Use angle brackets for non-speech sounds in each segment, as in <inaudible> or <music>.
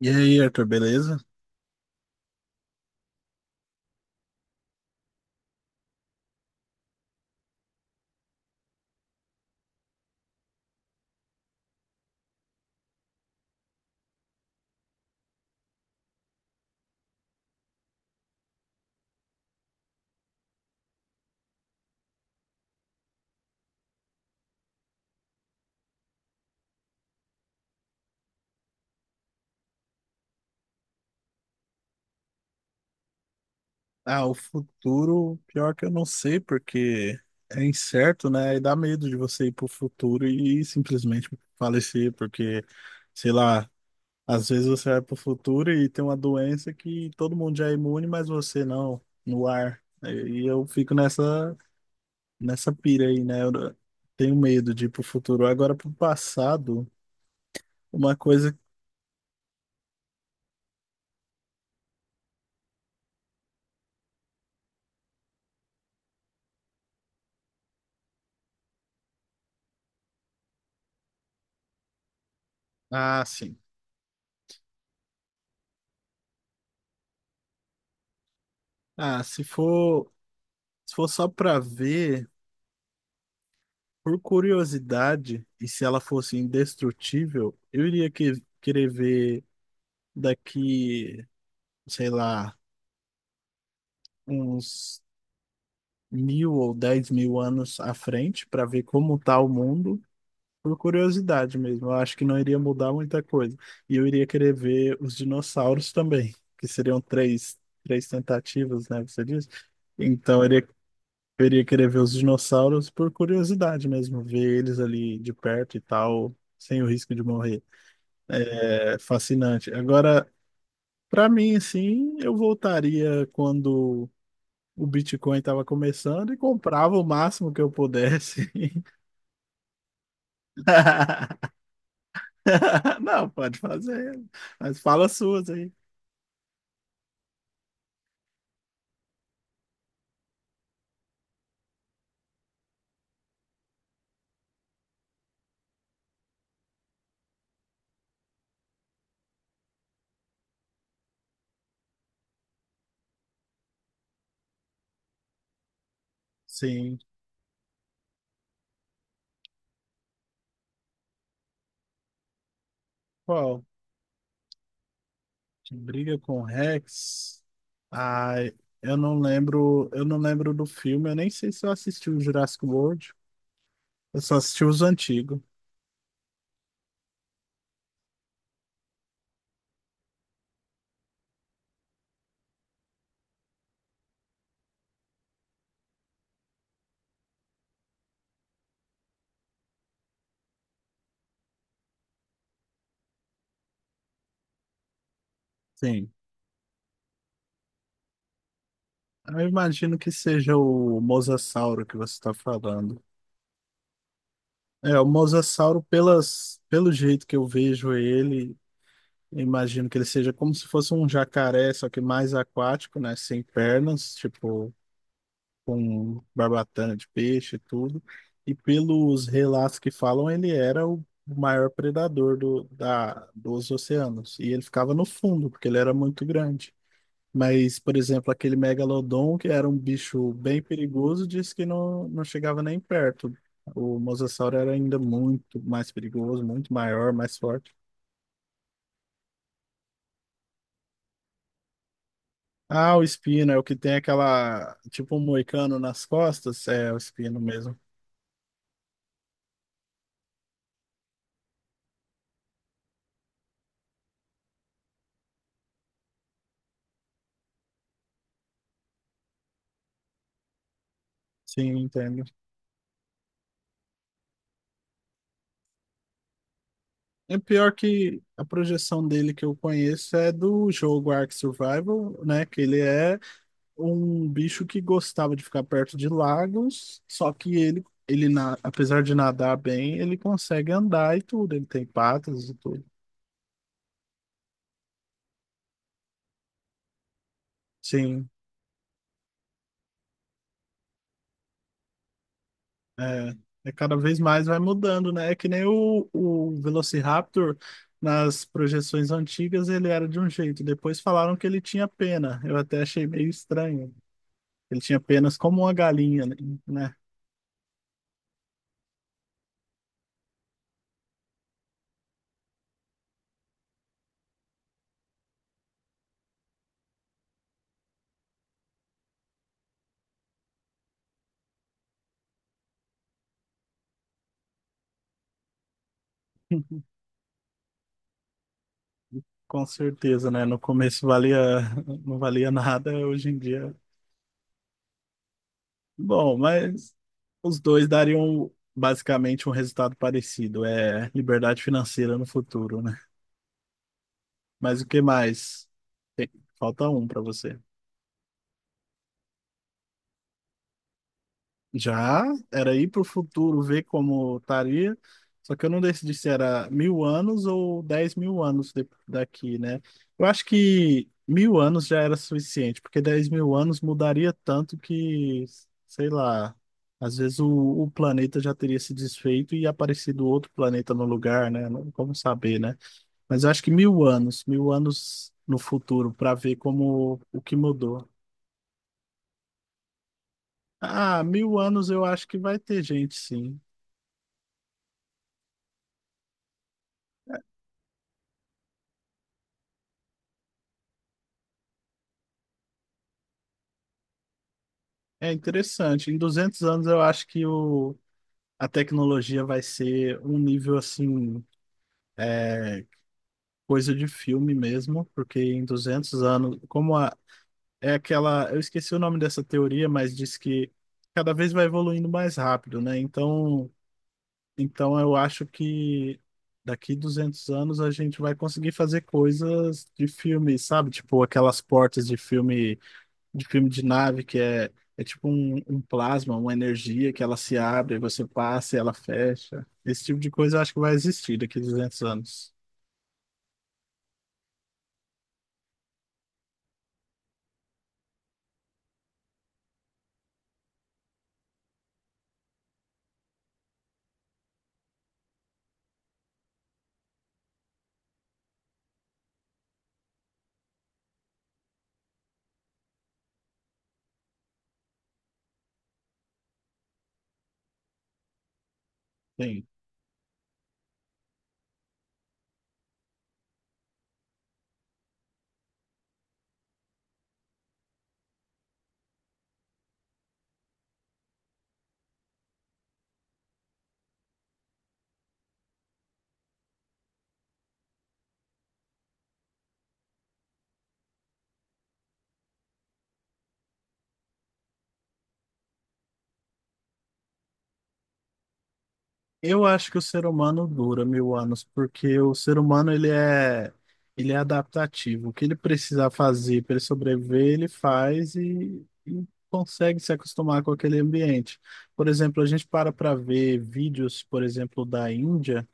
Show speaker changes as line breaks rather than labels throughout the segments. E aí, Arthur, beleza? Ah, o futuro, pior que eu não sei, porque é incerto, né? E dá medo de você ir pro futuro e simplesmente falecer, porque, sei lá, às vezes você vai pro futuro e tem uma doença que todo mundo já é imune, mas você não, no ar. E eu fico nessa pira aí, né? Eu tenho medo de ir pro futuro. Agora, pro passado, uma coisa. Ah, sim. Ah, se for só pra ver. Por curiosidade, e se ela fosse indestrutível, eu iria querer ver daqui, sei lá, uns 1.000 ou 10.000 anos à frente, para ver como tá o mundo, por curiosidade mesmo. Eu acho que não iria mudar muita coisa. E eu iria querer ver os dinossauros também, que seriam três tentativas, né? Você disse? Então, eu iria querer ver os dinossauros por curiosidade mesmo, ver eles ali de perto e tal, sem o risco de morrer. É fascinante. Agora, para mim, assim, eu voltaria quando o Bitcoin estava começando e comprava o máximo que eu pudesse. <laughs> Não, pode fazer, mas fala as suas aí. Sim. Qual? Que briga com o Rex? Ai, eu não lembro do filme, eu nem sei se eu assisti o Jurassic World. Eu só assisti os antigos. Sim. Eu imagino que seja o Mosasauro que você está falando. É, o mosasauro, pelo jeito que eu vejo ele, eu imagino que ele seja como se fosse um jacaré, só que mais aquático, né? Sem pernas, tipo, com barbatana de peixe e tudo. E pelos relatos que falam, ele era o maior predador dos oceanos. E ele ficava no fundo, porque ele era muito grande. Mas, por exemplo, aquele megalodon, que era um bicho bem perigoso, disse que não, não chegava nem perto. O mosasauro era ainda muito mais perigoso, muito maior, mais forte. Ah, o espino é o que tem aquela, tipo um moicano nas costas, é o espino mesmo. Sim, entendo. É pior que a projeção dele que eu conheço é do jogo Ark Survival, né? Que ele é um bicho que gostava de ficar perto de lagos, só que ele, apesar de nadar bem, ele consegue andar e tudo, ele tem patas e tudo. Sim, é, é cada vez mais vai mudando, né? É que nem o Velociraptor, nas projeções antigas ele era de um jeito, depois falaram que ele tinha pena, eu até achei meio estranho. Ele tinha penas como uma galinha, né? <laughs> Com certeza, né? No começo valia, não valia nada, hoje em dia. Bom, mas os dois dariam basicamente um resultado parecido. É liberdade financeira no futuro, né? Mas o que mais? Tem- Falta um para você. Já era ir para o futuro ver como estaria, só que eu não decidi se era 1.000 anos ou 10.000 anos daqui, né? Eu acho que 1.000 anos já era suficiente, porque 10.000 anos mudaria tanto que, sei lá, às vezes o planeta já teria se desfeito e aparecido outro planeta no lugar, né? Não como saber, né? Mas eu acho que 1.000 anos, 1.000 anos no futuro, para ver como o que mudou. Ah, 1.000 anos eu acho que vai ter gente, sim. É interessante. Em 200 anos, eu acho que a tecnologia vai ser um nível assim, é, coisa de filme mesmo, porque em 200 anos, como a, é aquela, eu esqueci o nome dessa teoria, mas diz que cada vez vai evoluindo mais rápido, né? Então, eu acho que daqui 200 anos a gente vai conseguir fazer coisas de filme, sabe? Tipo aquelas portas de filme de nave, que é tipo um plasma, uma energia que ela se abre, aí você passa e ela fecha. Esse tipo de coisa eu acho que vai existir daqui a 200 anos. Sim. Eu acho que o ser humano dura 1.000 anos, porque o ser humano ele é adaptativo. O que ele precisar fazer para ele sobreviver, ele faz e consegue se acostumar com aquele ambiente. Por exemplo, a gente para para ver vídeos, por exemplo, da Índia.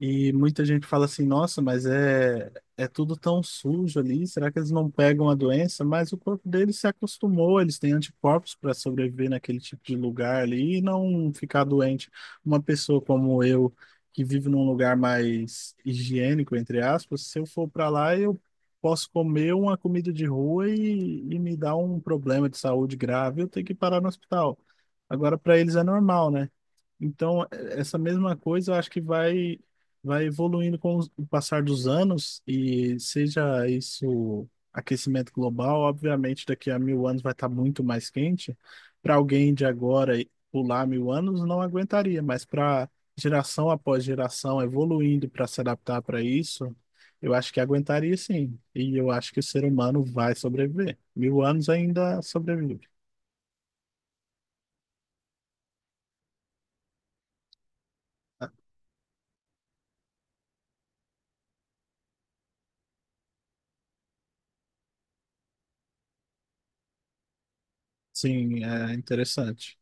E muita gente fala assim, nossa, mas é tudo tão sujo ali, será que eles não pegam a doença? Mas o corpo deles se acostumou, eles têm anticorpos para sobreviver naquele tipo de lugar ali e não ficar doente. Uma pessoa como eu, que vive num lugar mais higiênico, entre aspas, se eu for para lá, eu posso comer uma comida de rua e me dar um problema de saúde grave, eu tenho que parar no hospital. Agora, para eles é normal, né? Então, essa mesma coisa eu acho que vai evoluindo com o passar dos anos, e seja isso aquecimento global, obviamente daqui a 1.000 anos vai estar muito mais quente. Para alguém de agora e pular 1.000 anos, não aguentaria, mas para geração após geração evoluindo para se adaptar para isso, eu acho que aguentaria sim. E eu acho que o ser humano vai sobreviver. 1.000 anos ainda sobrevive. Sim, é interessante.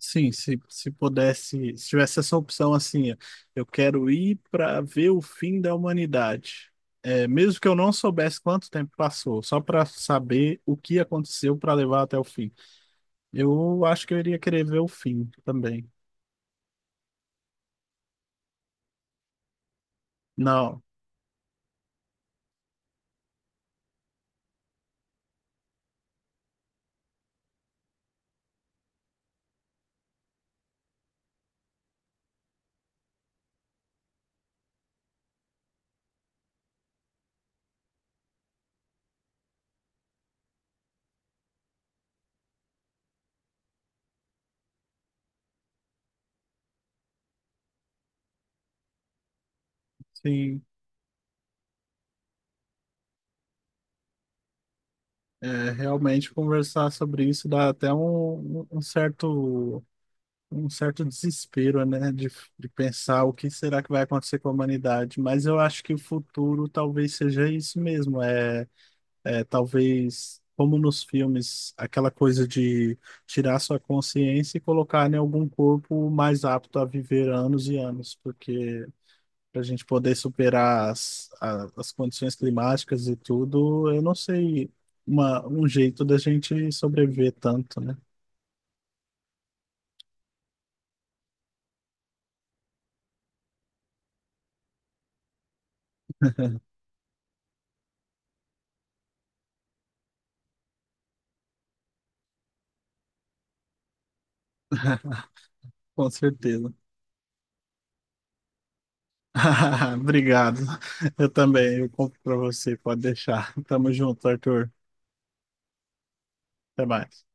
Sim, se pudesse, se tivesse essa opção assim, ó, eu quero ir para ver o fim da humanidade. É, mesmo que eu não soubesse quanto tempo passou, só para saber o que aconteceu para levar até o fim. Eu acho que eu iria querer ver o fim também. Não, sim. É, realmente conversar sobre isso dá até um certo desespero, né? De pensar o que será que vai acontecer com a humanidade. Mas eu acho que o futuro talvez seja isso mesmo. É talvez, como nos filmes, aquela coisa de tirar sua consciência e colocar em algum corpo mais apto a viver anos e anos, porque para a gente poder superar as condições climáticas e tudo, eu não sei um jeito da gente sobreviver tanto, né? <laughs> Com certeza. <laughs> Obrigado. Eu também, eu compro para você, pode deixar. Tamo junto, Arthur. Até mais.